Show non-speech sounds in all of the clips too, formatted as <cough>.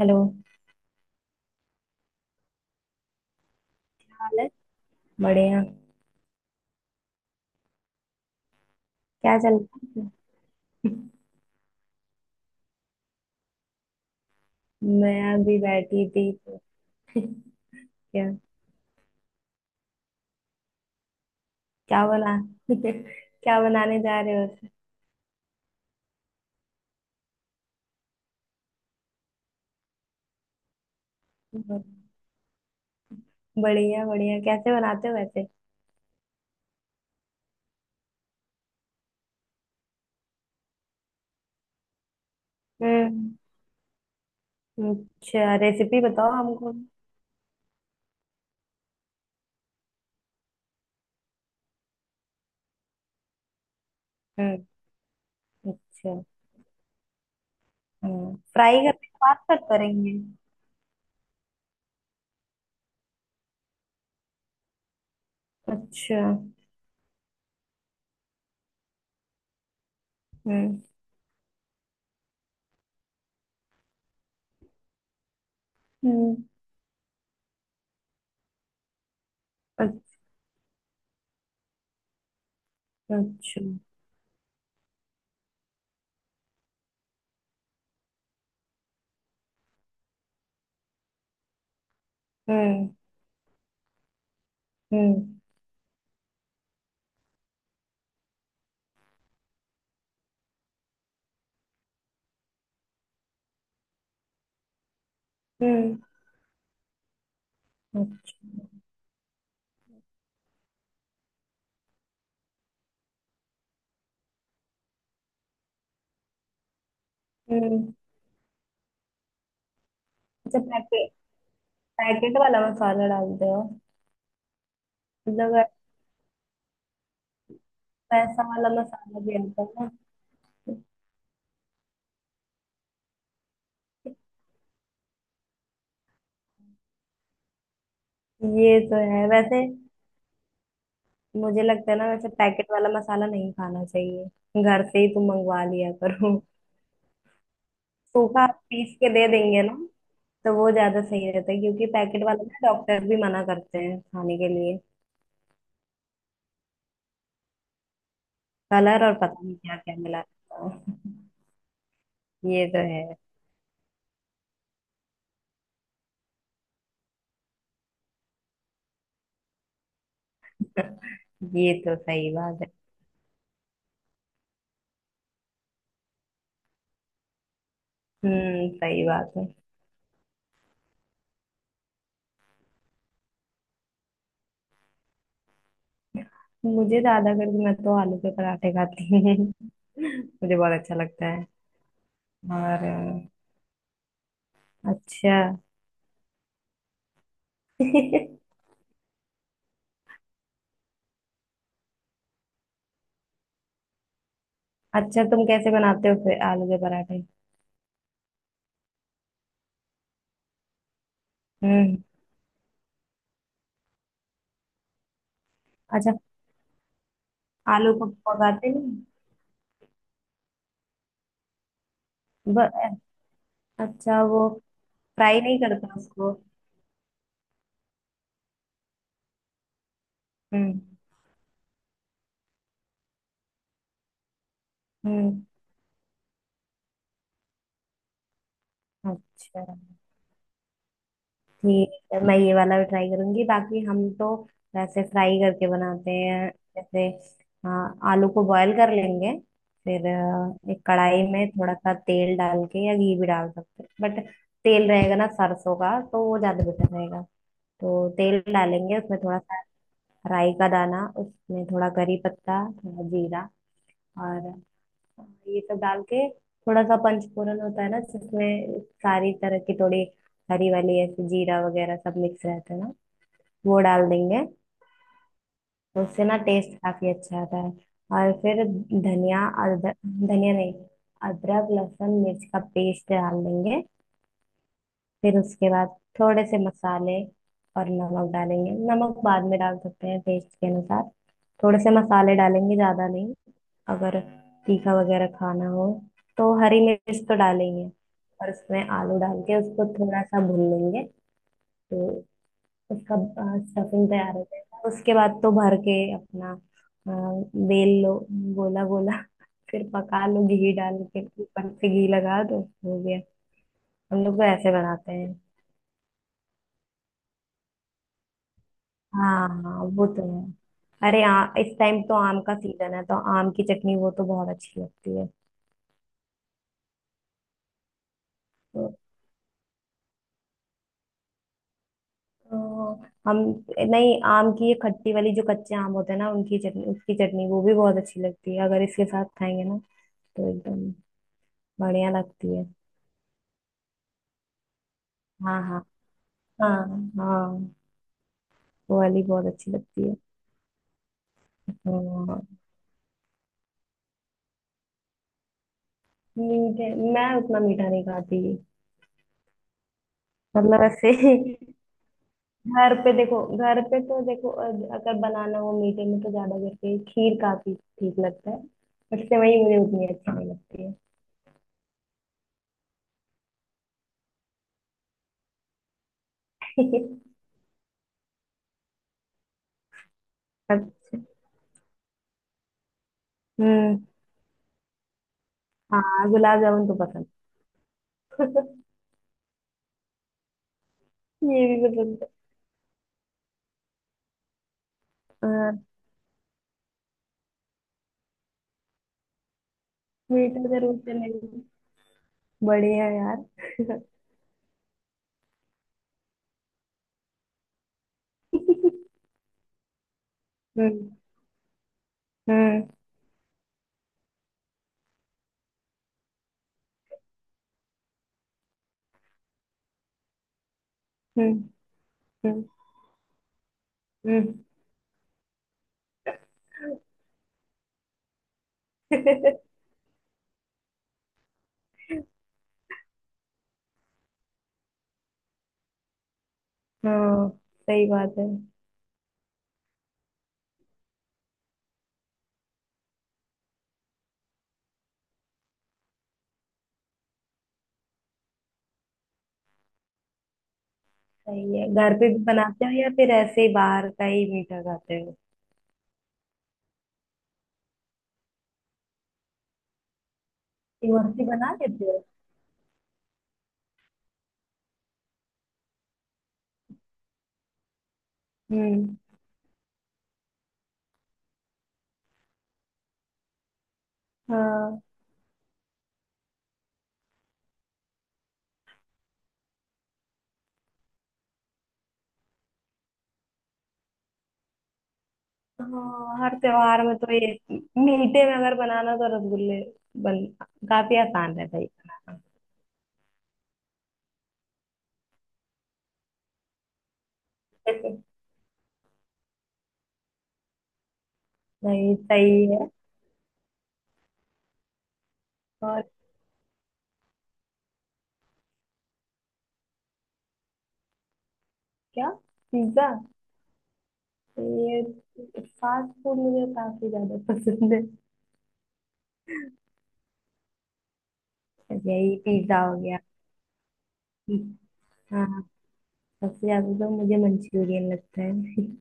Hello. हाल है। बढ़िया। क्या चल रहा है? मैं अभी बैठी थी तो। क्या? क्या बना <laughs> क्या बनाने जा रहे हो। बढ़िया बढ़िया, कैसे बनाते हो वैसे? हम्म। अच्छा, रेसिपी बताओ हमको। हम्म। अच्छा। हम्म, फ्राई करने के बाद कट करेंगे? अच्छा। हम्म। हम्म। अच्छा। अच्छा। हम्म। हम्म। हम्म। अच्छा। हम्म। अच्छा, पैकेट? पैकेट वाला मसाला डालते हो? मतलब पैसा वाला मसाला भी आता है ना। ये तो है वैसे। मुझे लगता है ना वैसे पैकेट वाला मसाला नहीं खाना चाहिए, घर से ही तुम मंगवा लिया करो। सूखा पीस के दे देंगे ना, तो वो ज्यादा सही रहता है, क्योंकि पैकेट वाला ना डॉक्टर भी मना करते हैं खाने के लिए। कलर और पता नहीं क्या क्या मिला रहता है। ये तो है, ये तो सही बात है। हम्म, सही बात है। मुझे ज्यादा करके, मैं तो आलू के पराठे खाती हूँ। <laughs> मुझे बहुत अच्छा लगता है। और अच्छा। <laughs> अच्छा, तुम कैसे बनाते हो फिर आलू के पराठे? हम्म। अच्छा, आलू को पकाते नहीं? ब, अच्छा, वो फ्राई नहीं करता उसको? हम्म। हम्म। अच्छा। ठीक है, मैं ये वाला भी ट्राई करूंगी, बाकी हम तो वैसे फ्राई करके बनाते हैं, जैसे हाँ आलू को बॉयल कर लेंगे, फिर एक कढ़ाई में थोड़ा सा तेल डाल के, या घी भी डाल सकते हैं, बट तेल रहेगा ना सरसों का तो वो ज्यादा बेटर रहेगा। तो तेल डालेंगे उसमें थोड़ा सा राई का दाना, उसमें थोड़ा करी पत्ता, थोड़ा जीरा, और ये सब डाल के, थोड़ा सा पंचफोरन होता है ना जिसमें सारी तरह की थोड़ी हरी वाली ऐसे जीरा वगैरह सब मिक्स रहता है ना, वो डाल देंगे। तो उससे ना टेस्ट काफी अच्छा आता है। और फिर धनिया, अदरक, धनिया नहीं, अदरक लहसुन मिर्च का पेस्ट डाल देंगे। फिर उसके बाद थोड़े से मसाले और नमक डालेंगे, नमक बाद में डाल सकते हैं टेस्ट के अनुसार। थोड़े से मसाले डालेंगे, ज्यादा नहीं। अगर तीखा वगैरह खाना हो तो हरी मिर्च तो डालेंगे, और उसमें आलू डाल के उसको थोड़ा सा भून लेंगे, तो उसका स्टफिंग तैयार हो जाएगा। उसके बाद तो भर के अपना, बेल लो, गोला गोला, फिर पका लो, घी डाल के ऊपर से घी लगा दो, हो गया। हम लोग तो ऐसे बनाते हैं। हाँ, हाँ, वो तो है। अरे इस टाइम तो आम का सीजन है, तो आम की चटनी वो तो बहुत अच्छी लगती है। तो, तो हम, नहीं, आम की ये खट्टी वाली जो कच्चे आम होते हैं ना, उनकी चटनी, उसकी चटनी वो भी बहुत अच्छी लगती है। अगर इसके साथ खाएंगे ना तो एकदम बढ़िया लगती है। हाँ हाँ हाँ हाँ, वो वाली बहुत अच्छी लगती है। हाँ। मीठे मैं उतना मीठा नहीं खाती। मतलब, ऐसे <laughs> घर पे देखो, घर पे तो देखो, अगर बनाना हो मीठे में तो ज्यादा करके खीर काफी ठीक लगता है, बट सेवई मुझे उतनी अच्छी नहीं लगती है। <laughs> अच्छा। हम्म। हाँ, गुलाब जामुन तो पसंद। <laughs> ये भी पसंद है। हाँ, मीठा जरूर चलेगा। बढ़िया यार। <laughs> हम्म। हम्म। हम्म। हम्म। हम्म। <laughs> हाँ, सही बात है। सही है, घर पे भी बनाते हो या फिर ऐसे ही बाहर का ही मीठा खाते हो? घर पे बना लेते हो? हम्म। हाँ, हाँ, हर त्योहार में तो ये। मीठे में अगर बनाना तो रसगुल्ले। बन काफी आसान रहता है ये बनाना। <laughs> नहीं, सही है। और क्या? पिज्जा? ये फास्ट फूड मुझे काफी ज्यादा <laughs> पसंद है। यही पिज्जा हो गया। हाँ। सबसे ज्यादा तो मुझे मंचूरियन लगता है। <laughs>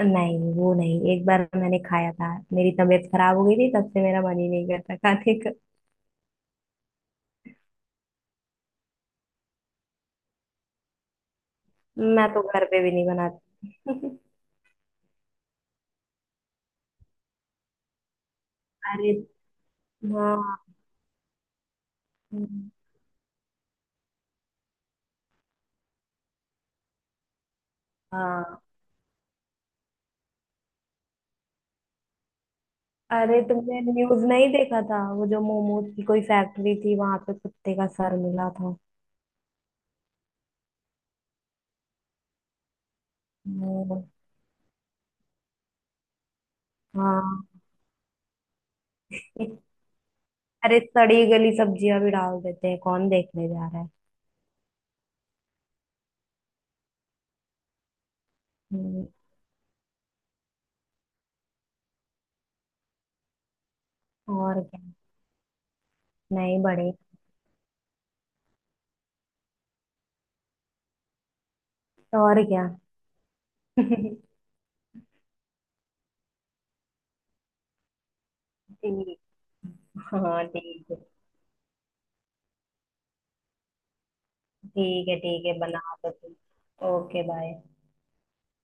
नहीं, वो नहीं, एक बार मैंने खाया था, मेरी तबीयत खराब हो गई थी, तब से मेरा मन ही नहीं करता खाने का। मैं तो घर पे भी नहीं बनाती। <laughs> अरे। हाँ हाँ। अरे तुमने न्यूज नहीं देखा था, वो जो मोमोज की कोई फैक्ट्री थी वहां पे कुत्ते का सर मिला था। वो, हाँ। अरे सड़ी गली सब्जियां भी डाल देते हैं, कौन देखने जा रहा है। हम्म, और क्या। नहीं बड़े। और क्या। <laughs> ठीक। हाँ ठीक है। ठीक है, ठीक है, बना दो तुम। Okay, bye.